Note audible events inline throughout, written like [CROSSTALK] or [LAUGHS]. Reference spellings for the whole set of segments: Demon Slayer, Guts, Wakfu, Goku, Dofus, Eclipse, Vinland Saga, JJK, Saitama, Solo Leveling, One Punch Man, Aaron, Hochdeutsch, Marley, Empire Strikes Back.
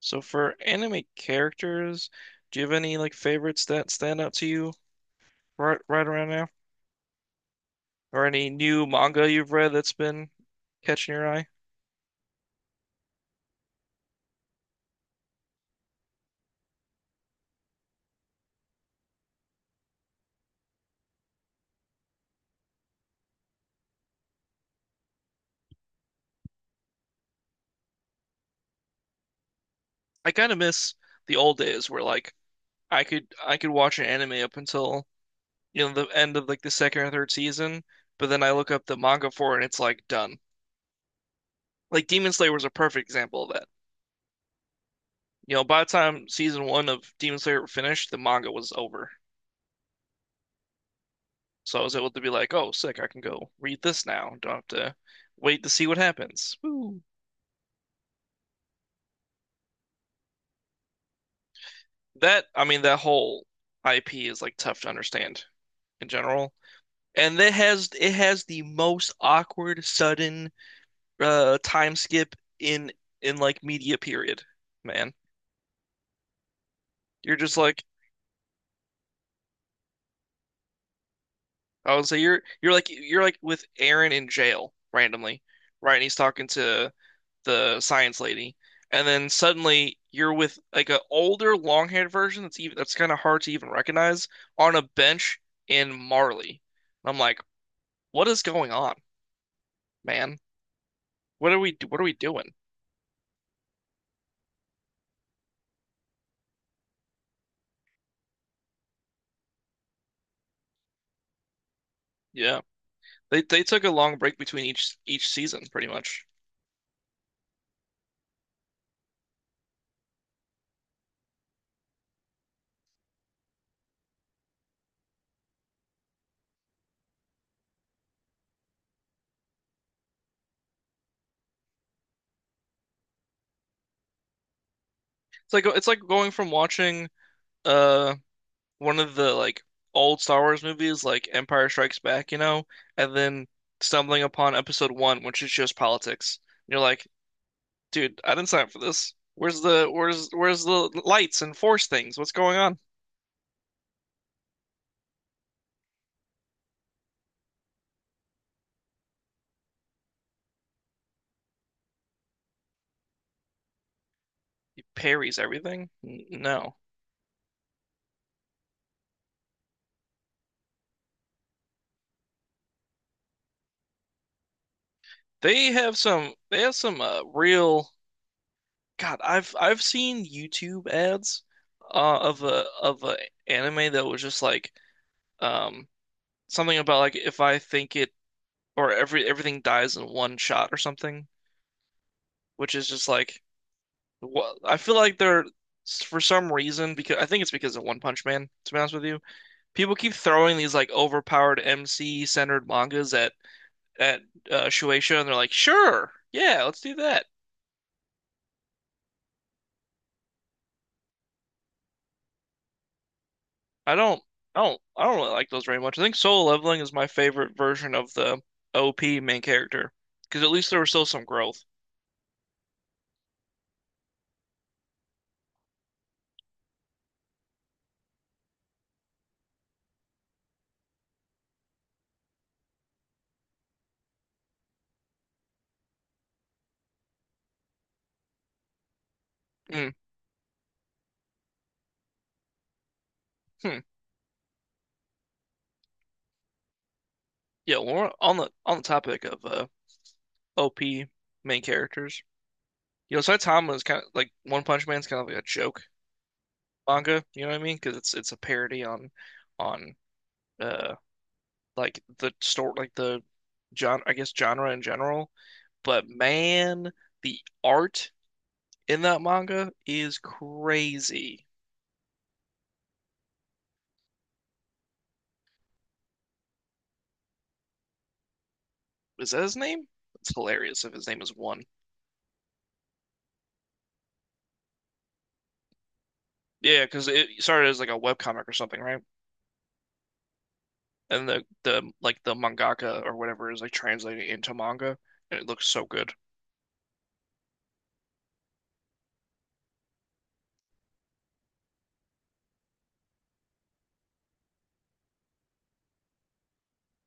So for anime characters, do you have any like favorites that stand out to you right around now? Or any new manga you've read that's been catching your eye? I kind of miss the old days where like I could watch an anime up until you know the end of like the second or third season, but then I look up the manga for it and it's like done. Like Demon Slayer was a perfect example of that. You know, by the time season one of Demon Slayer finished, the manga was over. So I was able to be like, oh, sick, I can go read this now. Don't have to wait to see what happens. Woo. That, I mean, that whole IP is like tough to understand in general. And it has the most awkward sudden time skip in in like media period, man. You're just like I would say you're like with Aaron in jail randomly, right? And he's talking to the science lady, and then suddenly you're with like an older, long-haired version that's even that's kind of hard to even recognize on a bench in Marley. I'm like, what is going on, man? What are we doing? Yeah, they took a long break between each season, pretty much. It's like going from watching uh one of the like old Star Wars movies, like Empire Strikes Back, you know, and then stumbling upon episode one, which is just politics. And you're like, dude, I didn't sign up for this. Where's the where's the lights and force things? What's going on? He parries everything? No. They have some real God, I've seen YouTube ads of a anime that was just like um something about like if I think it or everything dies in one shot or something, which is just like what I feel like they're for some reason because I think it's because of One Punch Man, to be honest with you. People keep throwing these like overpowered MC centered mangas at Shueisha, and they're like, sure, yeah, let's do that. I don't, I don't really like those very much. I think Solo Leveling is my favorite version of the OP main character because at least there was still some growth. Mm, hmm. Yeah, well, on the topic of OP main characters, you know, Saitama is kind of like One Punch Man's kind of like a joke manga. You know what I mean? Because it's a parody on on uh like the story, like the genre, I guess genre in general. But man, the art in that manga is crazy. Is that his name? It's hilarious if his name is one. Yeah, because it started as like a webcomic or something, right? And the like the mangaka or whatever is like translating into manga, and it looks so good.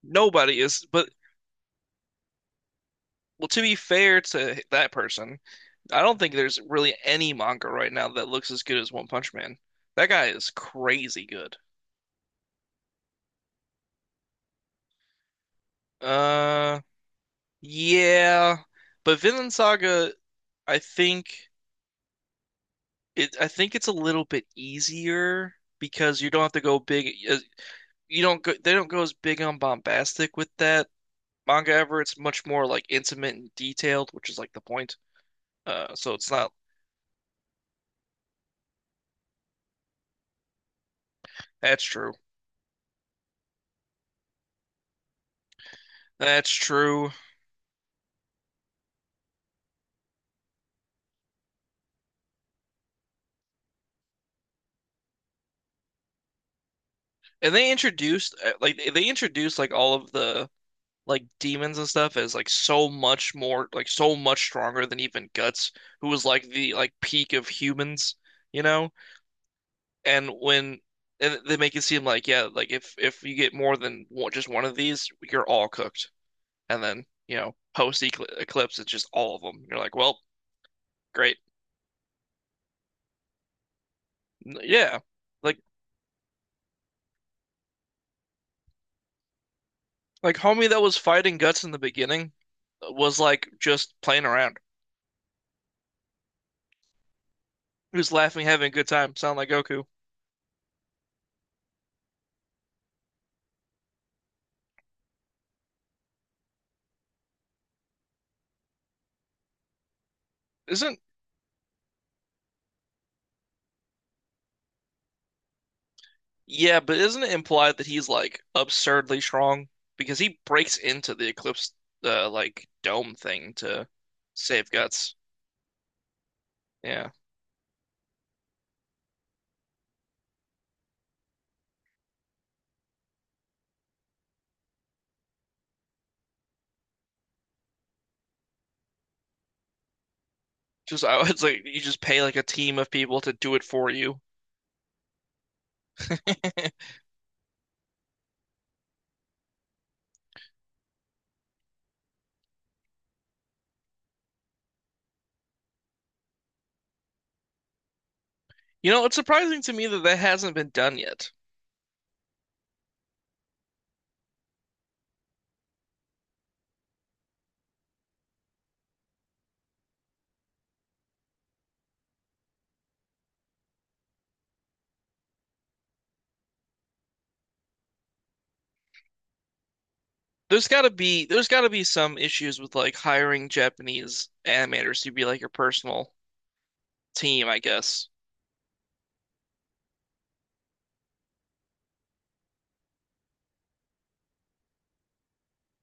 Nobody is, but well, to be fair to that person, I don't think there's really any manga right now that looks as good as One Punch Man. That guy is crazy good. Uh, yeah, but Vinland Saga, I think it. I think it's a little bit easier because you don't have to go big. You don't go. They don't go as big on bombastic with that manga ever. It's much more like intimate and detailed, which is like the point. So it's not. That's true. That's true. And they introduced like they introduced like all of the like demons and stuff is like so much more like so much stronger than even Guts, who was like the like peak of humans, you know? And when and they make it seem like yeah, like if you get more than one, just one of these, you're all cooked. And then, you know, post eclipse it's just all of them. You're like, "Well, great." Yeah. Like like homie that was fighting Guts in the beginning was like just playing around. He was laughing, having a good time, sound like Goku. Isn't yeah, but isn't it implied that he's like absurdly strong? Because he breaks into the Eclipse like dome thing to save Guts. Yeah. Just I [LAUGHS] it's like you just pay like a team of people to do it for you. [LAUGHS] You know, it's surprising to me that that hasn't been done yet. There's gotta be some issues with like hiring Japanese animators to be like your personal team, I guess.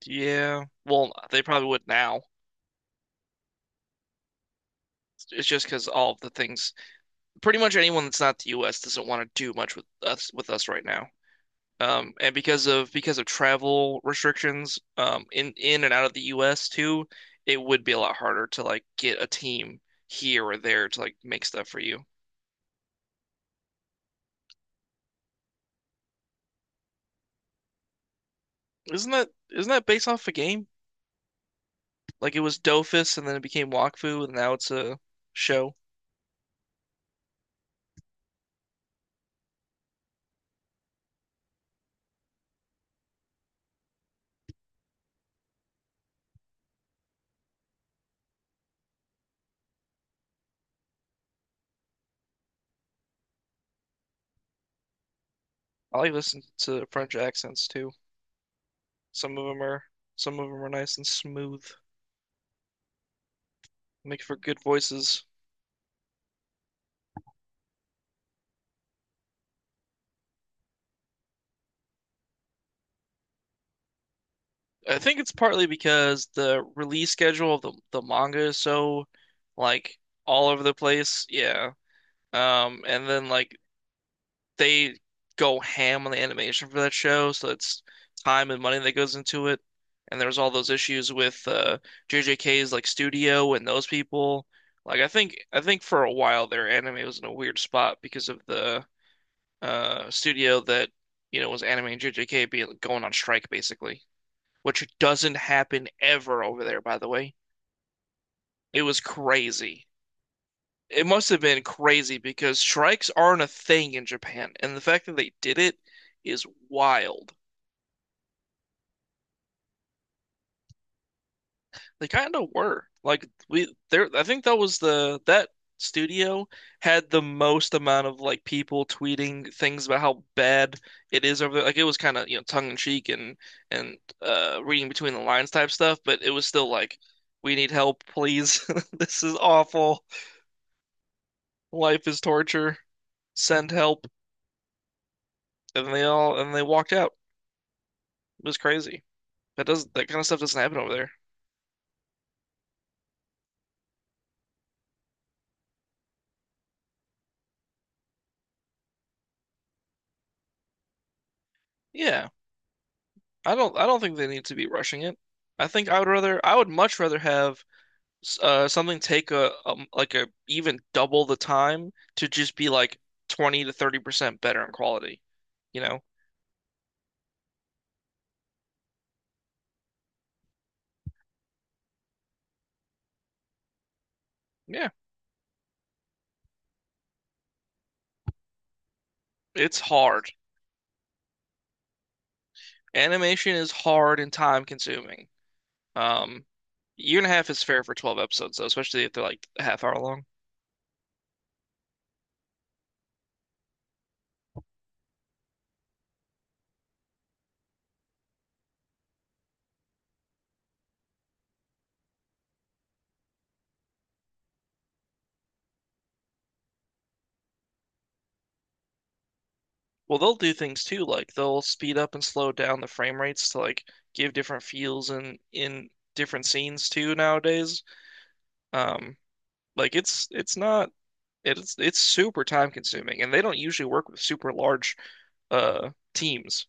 Yeah. Well, they probably would now. It's just because all of the things pretty much anyone that's not the US doesn't want to do much with us right now. And because of travel restrictions, in and out of the US too, it would be a lot harder to like get a team here or there to like make stuff for you. Isn't that based off a game? Like it was Dofus and then it became Wakfu and now it's a show. I like listening to French accents too. Some of them are some of them are nice and smooth, make for good voices. I think it's partly because the release schedule of the manga is so like all over the place. Yeah. And then like they go ham on the animation for that show, so it's time and money that goes into it. And there's all those issues with JJK's like studio and those people. Like I think for a while their anime was in a weird spot because of the studio that, you know, was animating JJK being going on strike basically, which doesn't happen ever over there, by the way. It was crazy. It must have been crazy because strikes aren't a thing in Japan, and the fact that they did it is wild. They kind of were. Like we there I think that was the that studio had the most amount of like people tweeting things about how bad it is over there. Like it was kind of, you know, tongue in cheek and reading between the lines type stuff, but it was still like we need help, please. [LAUGHS] This is awful. Life is torture, send help, and they all and they walked out. It was crazy. That does that kind of stuff doesn't happen over there. Yeah, I don't think they need to be rushing it. I would rather I would much rather have something take a, like a even double the time to just be like 20 to 30% better in quality, you know? Yeah, it's hard. Animation is hard and time consuming. Um, Year and a half is fair for 12 episodes though, especially if they're like a half hour long. Well, they'll do things too, like they'll speed up and slow down the frame rates to like give different feels in different scenes too nowadays. Um, like it's not it's it's super time consuming, and they don't usually work with super large teams.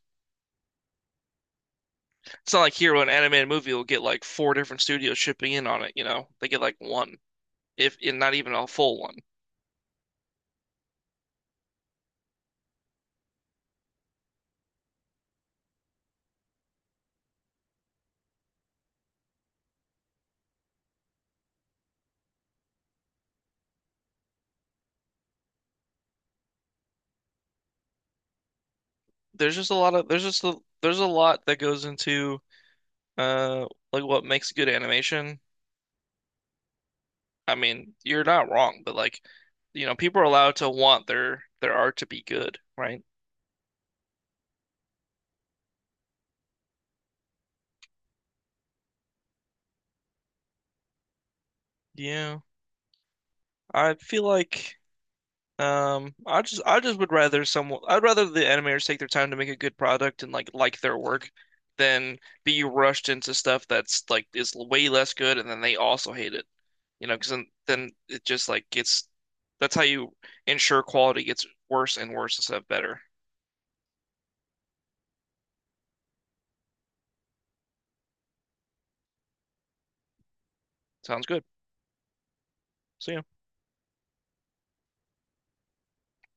It's not like here when an animated movie will get like four different studios shipping in on it, you know. They get like one, if and not even a full one. There's just a lot of there's just a, There's a lot that goes into uh like what makes good animation. I mean, you're not wrong, but like, you know, people are allowed to want their art to be good, right? Yeah. I feel like I just would rather someone I'd rather the animators take their time to make a good product and like their work than be rushed into stuff that's like is way less good and then they also hate it. You know, 'cause then it just like gets that's how you ensure quality gets worse and worse instead of better. Sounds good. See ya.